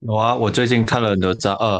有啊，我最近看了《哪吒二》，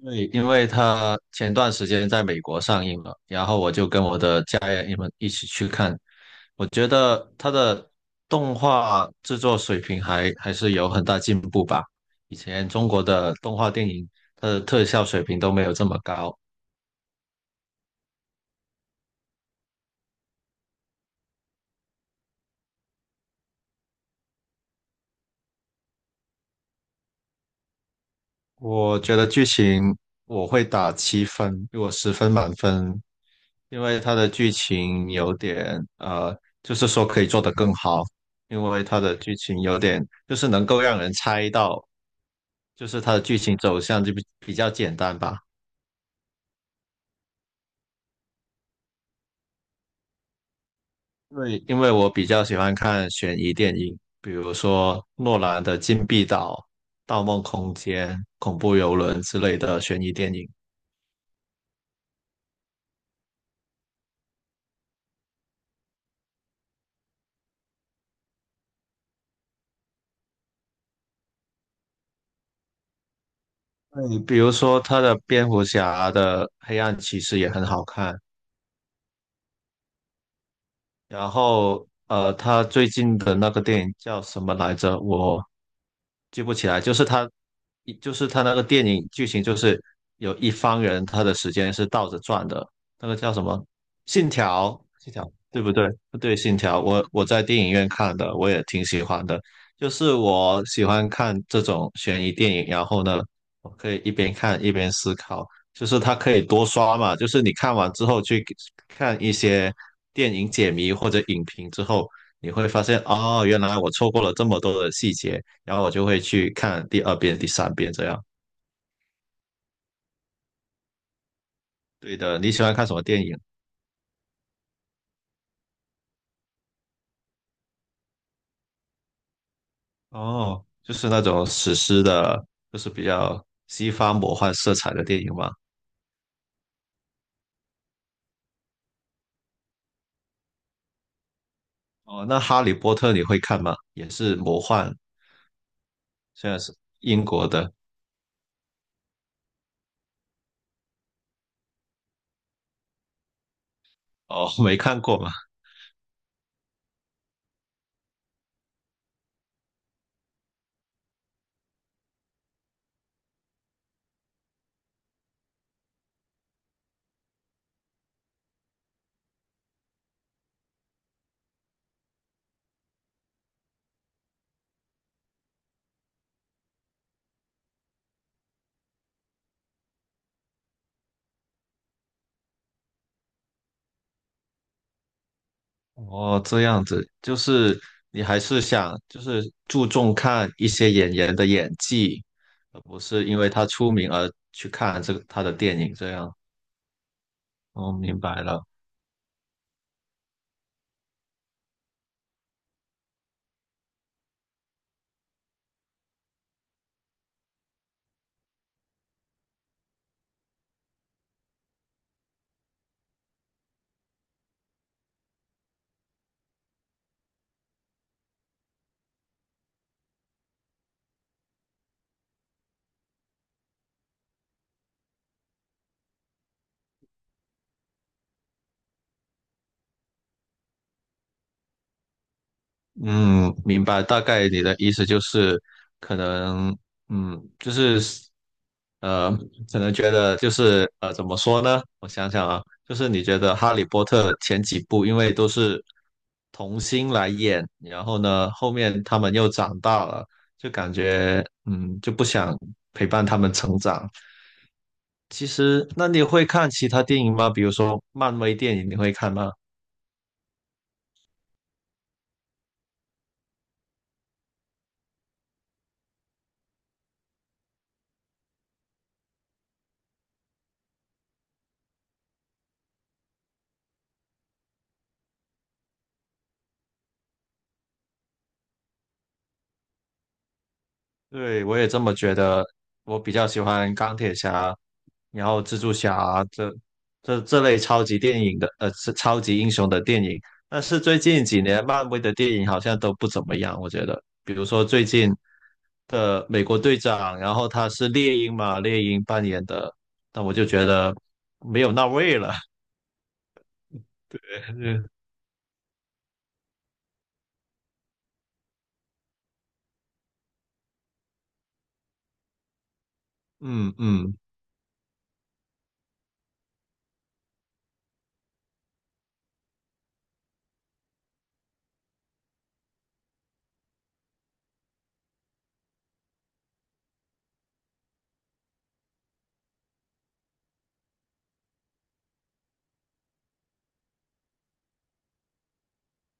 对，因为它前段时间在美国上映了，然后我就跟我的家人们一起去看。我觉得它的动画制作水平还是有很大进步吧。以前中国的动画电影，它的特效水平都没有这么高，我觉得剧情我会打7分，我10分满分，因为它的剧情有点就是说可以做得更好，因为它的剧情有点就是能够让人猜到，就是它的剧情走向就比较简单吧。因为我比较喜欢看悬疑电影，比如说诺兰的《禁闭岛》《盗梦空间》《恐怖游轮》之类的悬疑电影。对，比如说他的蝙蝠侠的黑暗骑士也很好看，然后他最近的那个电影叫什么来着？我记不起来，就是他，一就是他那个电影剧情就是有一方人他的时间是倒着转的，那个叫什么？信条，信条，对不对？对，信条，我在电影院看的，我也挺喜欢的。就是我喜欢看这种悬疑电影，然后呢，我可以一边看一边思考，就是它可以多刷嘛，就是你看完之后去看一些电影解谜或者影评之后，你会发现哦，原来我错过了这么多的细节。然后我就会去看第二遍、第三遍这样。对的，你喜欢看什么电影？哦，就是那种史诗的，就是比较西方魔幻色彩的电影嘛。哦，那《哈利波特》你会看吗？也是魔幻，现在是英国的。哦，没看过嘛。哦，这样子，就是你还是想就是注重看一些演员的演技，而不是因为他出名而去看这个他的电影这样。哦，明白了。嗯，明白，大概你的意思就是，可能，嗯，就是，呃，可能觉得就是，怎么说呢？我想想啊，就是你觉得《哈利波特》前几部因为都是童星来演，然后呢，后面他们又长大了，就感觉，嗯，就不想陪伴他们成长。其实，那你会看其他电影吗？比如说漫威电影，你会看吗？对，我也这么觉得。我比较喜欢钢铁侠，然后蜘蛛侠这类超级电影的，是超级英雄的电影。但是最近几年漫威的电影好像都不怎么样，我觉得。比如说最近的美国队长，然后他是猎鹰嘛，猎鹰扮演的，但我就觉得没有那味了。嗯嗯。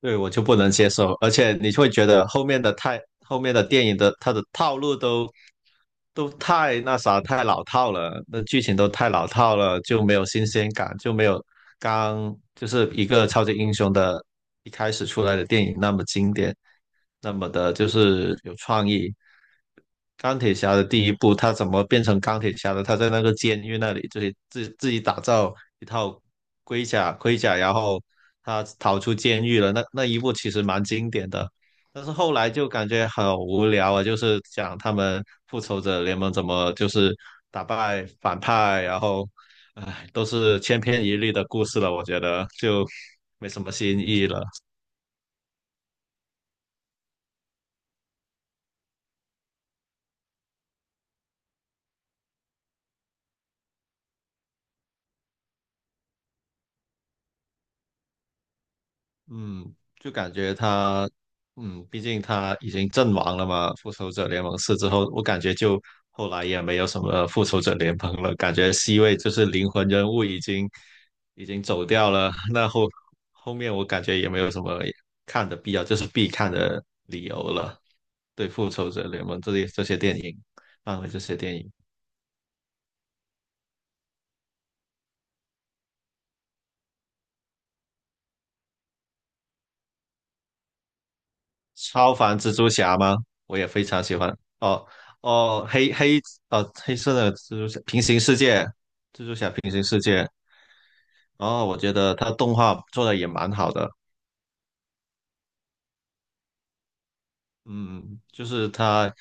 对，我就不能接受，而且你会觉得后面的太后面的电影的它的套路都太那啥太老套了，那剧情都太老套了，就没有新鲜感，就没有刚就是一个超级英雄的一开始出来的电影那么经典。那么的，就是有创意。钢铁侠的第一部，他怎么变成钢铁侠的？他在那个监狱那里，就是自己打造一套盔甲，盔甲，然后他逃出监狱了。那一部其实蛮经典的，但是后来就感觉很无聊啊，就是讲他们复仇者联盟怎么就是打败反派，然后，唉，都是千篇一律的故事了，我觉得就没什么新意了。嗯，就感觉他，嗯，毕竟他已经阵亡了嘛，《复仇者联盟四》之后，我感觉就后来也没有什么《复仇者联盟》了，感觉 C 位就是灵魂人物已经走掉了，那后面我感觉也没有什么看的必要，就是必看的理由了。对《复仇者联盟》这些电影，漫威这些电影，超凡蜘蛛侠吗？我也非常喜欢。哦哦，黑色的蜘蛛侠平行世界平行世界》哦，然后我觉得它动画做的也蛮好的，嗯，就是它，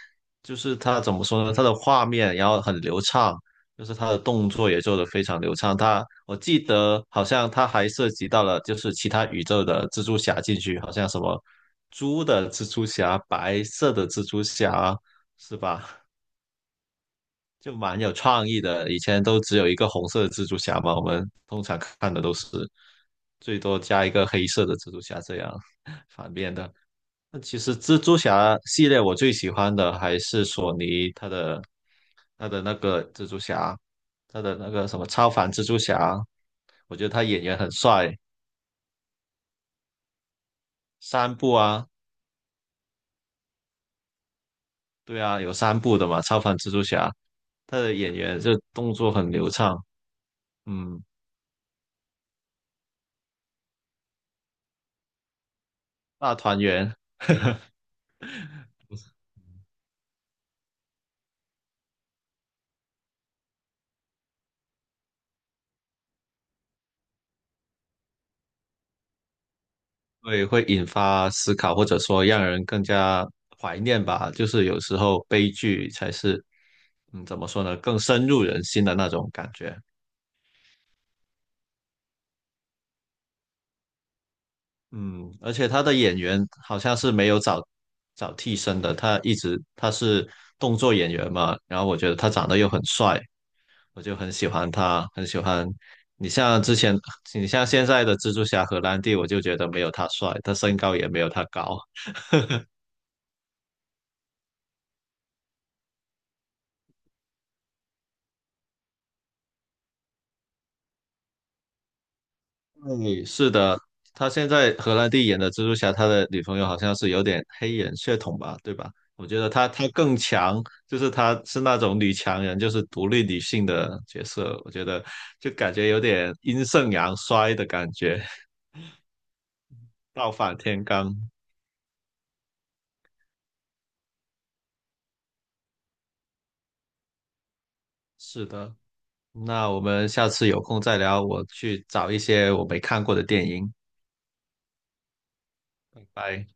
就是它怎么说呢？它的画面然后很流畅，就是它的动作也做得非常流畅。它我记得好像它还涉及到了就是其他宇宙的蜘蛛侠进去，好像什么猪的蜘蛛侠、白色的蜘蛛侠，是吧？就蛮有创意的。以前都只有一个红色的蜘蛛侠嘛，我们通常看的都是最多加一个黑色的蜘蛛侠这样 反面的。那其实蜘蛛侠系列我最喜欢的还是索尼他的他的那个蜘蛛侠，他的那个什么超凡蜘蛛侠，我觉得他演员很帅。三部啊，对啊，有三部的嘛，超凡蜘蛛侠，他的演员就动作很流畅，嗯，大团圆。会会引发思考，或者说让人更加怀念吧。就是有时候悲剧才是，嗯，怎么说呢，更深入人心的那种感觉。嗯，而且他的演员好像是没有找找替身的，他一直他是动作演员嘛，然后我觉得他长得又很帅，我就很喜欢他，很喜欢。你像之前，你像现在的蜘蛛侠荷兰弟，我就觉得没有他帅，他身高也没有他高。对，是的，他现在荷兰弟演的蜘蛛侠，他的女朋友好像是有点黑人血统吧，对吧？我觉得他更强，就是他是那种女强人，就是独立女性的角色，我觉得就感觉有点阴盛阳衰的感觉，倒反天罡。是的，那我们下次有空再聊，我去找一些我没看过的电影，拜拜。